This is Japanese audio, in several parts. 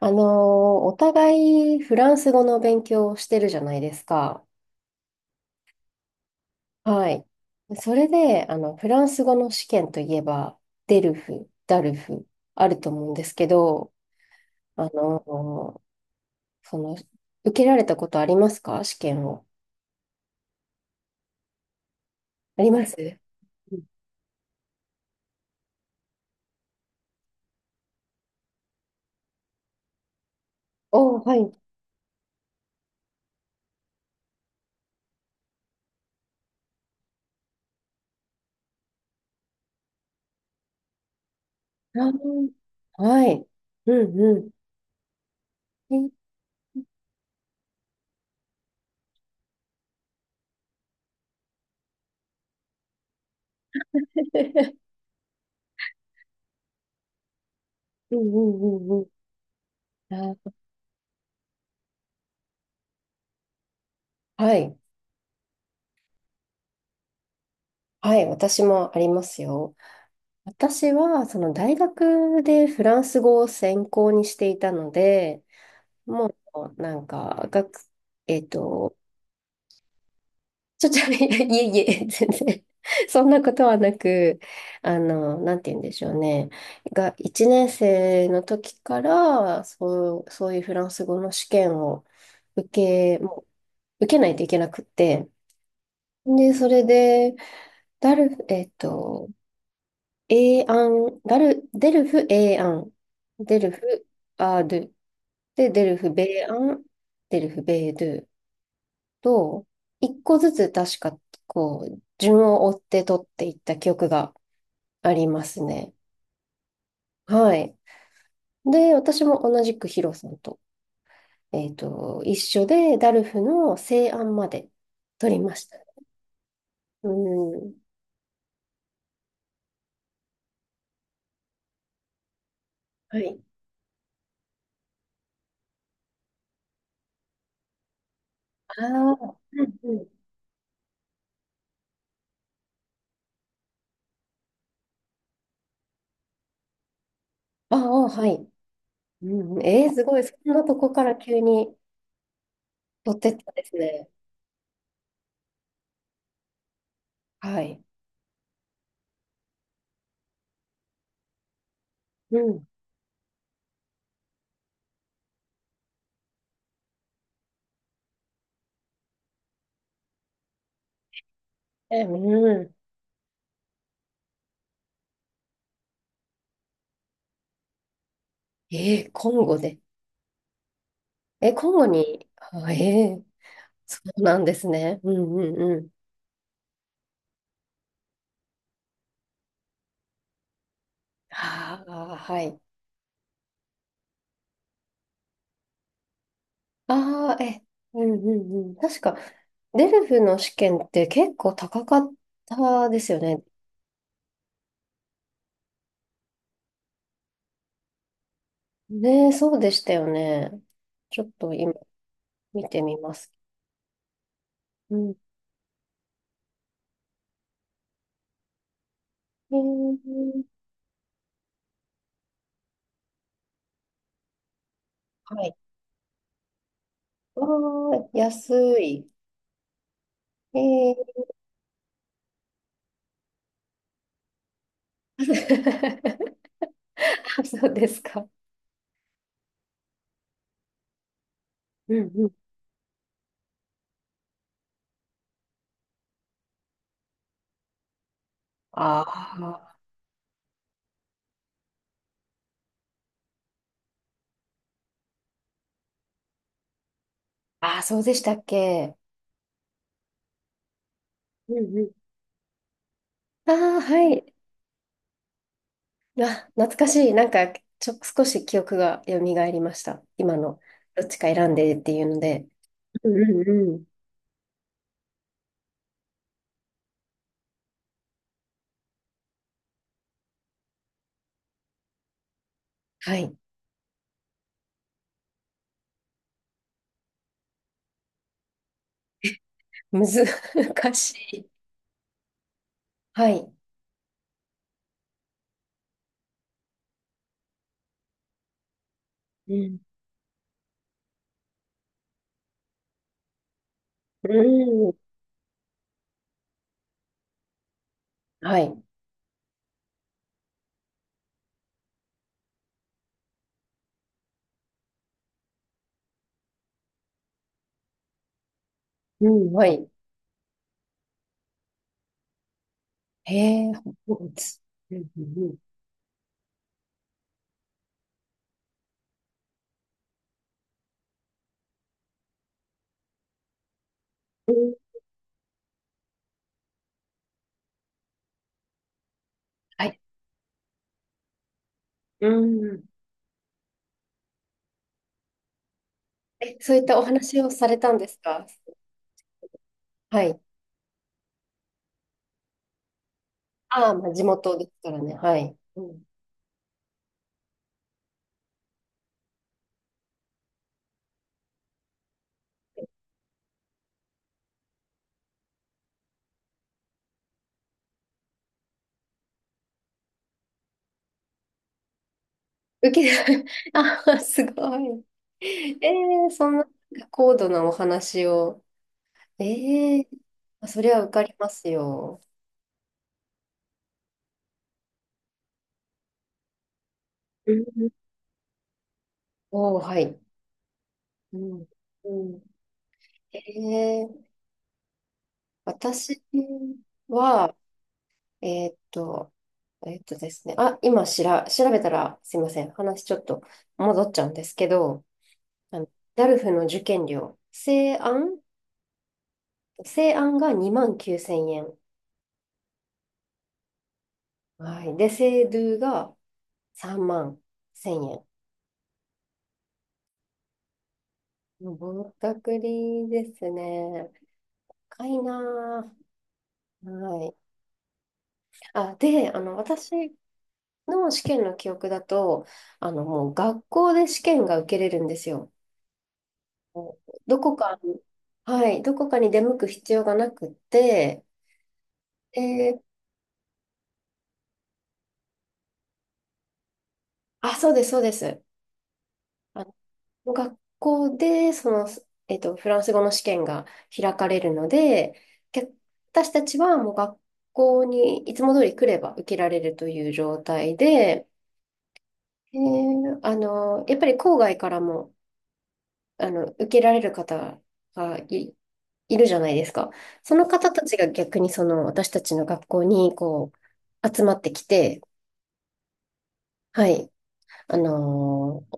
あのー、お互いフランス語の勉強をしてるじゃないですか。はい。それで、フランス語の試験といえば、デルフ、ダルフ、あると思うんですけど、あのー、その、受けられたことありますか試験を？ありますうんおー、はい。あーはい。うんうん。うんうんうんうんうん。あーはい。はい。私もありますよ。私は、その大学でフランス語を専攻にしていたので、もう、なんか、学、えっと、ちょ、ちょ、いやいえいえ、全然、そんなことはなく、なんて言うんでしょうね。が、1年生の時から、そういうフランス語の試験を受け、も受けないといけなくって、で、それで、ダル、えっと、エーアン、ダル、デルフ、エーアン、デルフ、アードゥ。で、デルフ、ベーアン、デルフ、ベードゥと、一個ずつ確か、こう、順を追って取っていった記憶がありますね。はい。で、私も同じくヒロさんと、一緒で、ダルフの西安まで取りました。うん。はい。ああ、うんうん。ああ、はい。うん、すごい。そんなとこから急に取ってったんですね。はい。うん。え、うん。コンゴで。え、コンゴに、あ、そうなんですね。うんうんうん。ああ、はい。ああ、え、うんうんうん。確か、デルフの試験って結構高かったですよね。ねえ、そうでしたよね。ちょっと今見てみます。うん。えー、はい。ああ、安い。えー、そうですか。うんうん。あああ、そうでしたっけ。うんうん。ああ、はい。あ、懐かしい。なんか、少し記憶が蘇りました。今の、どっちか選んでっていうので。うんうんうん。はい。難しい。はい。うんうんはい。うんはい。へえ、ほうつうんうんうんはい。うんえ、そういったお話をされたんですか？はい。ああ、まあ、地元ですからね。はい。うん受け、あ、すごい。えそんな高度なお話を。えー、そりゃ受かりますよ。うんおお、はい。うん。うん、えー、私は、えーっと、ですね、あ、今しら、調べたら、すいません、話ちょっと戻っちゃうんですけど、あの、ダルフの受験料、正案が2万9000円。はい。で、正ドゥが3万1000円。ぼったくりですね。高いなぁ。はい。あ、で、私の試験の記憶だと、もう学校で試験が受けれるんですよ。どこかに、はい、どこかに出向く必要がなくって、えーあ、そうです、そうです。あ、学校で、フランス語の試験が開かれるので、逆私たちはもう学校にいつも通り来れば受けられるという状態で、やっぱり郊外からも、受けられる方がいるじゃないですか。その方たちが逆にその私たちの学校にこう集まってきて、はい。あのー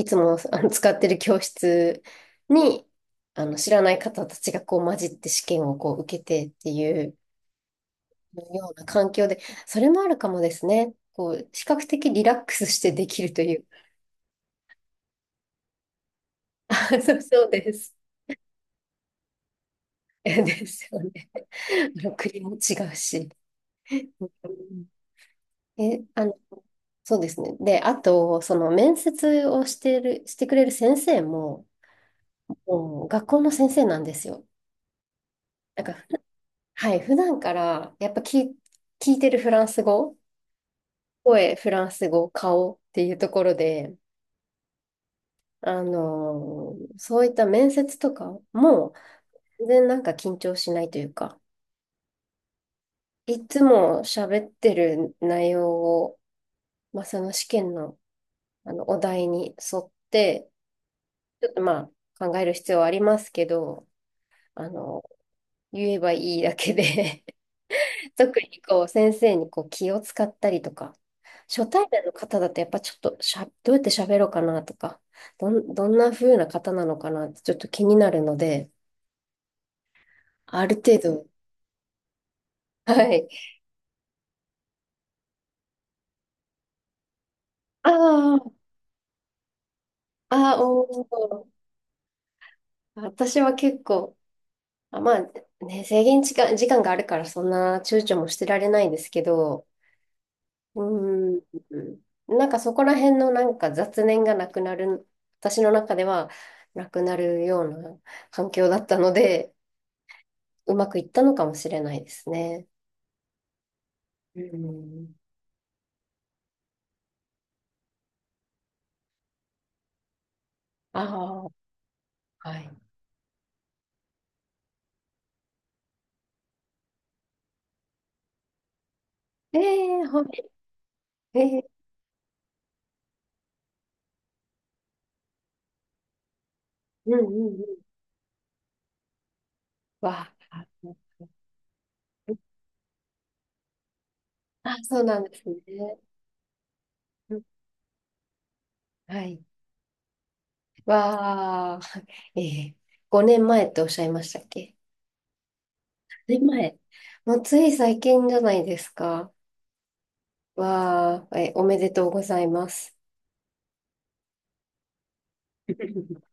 いつも使ってる教室に、知らない方たちがこう混じって試験をこう受けてっていうような環境で、それもあるかもですね。こう、比較的リラックスしてできるという。そうそうです。ですよね。国も違うし。うんえ、そうですね。で、あと、その面接をしてくれる先生も、もう学校の先生なんですよ。なんかはい、普段からやっぱ聞いてるフランス語、声、フランス語、顔っていうところで、そういった面接とかも全然なんか緊張しないというか、いつも喋ってる内容を、まあ、その試験の、お題に沿って、ちょっとまあ考える必要はありますけど、あの、言えばいいだけで特にこう先生にこう気を使ったりとか、初対面の方だとやっぱちょっとどうやって喋ろうかなとか、どんな風な方なのかなってちょっと気になるので、ある程度、はい。あーあー、おー私は結構、あ、まあね、制限時間、時間があるからそんな躊躇もしてられないですけど、うん。なんかそこら辺のなんか雑念がなくなる、私の中ではなくなるような環境だったので、うまくいったのかもしれないですね。うん。ああ、はい。ええー、はい。ええうんうんうん。わあ、あ、そうなんですね。うんはい。わあ、ええ5年前っておっしゃいましたっけ？ 5 年前。もうつい最近じゃないですか。わあ、え、おめでとうございます。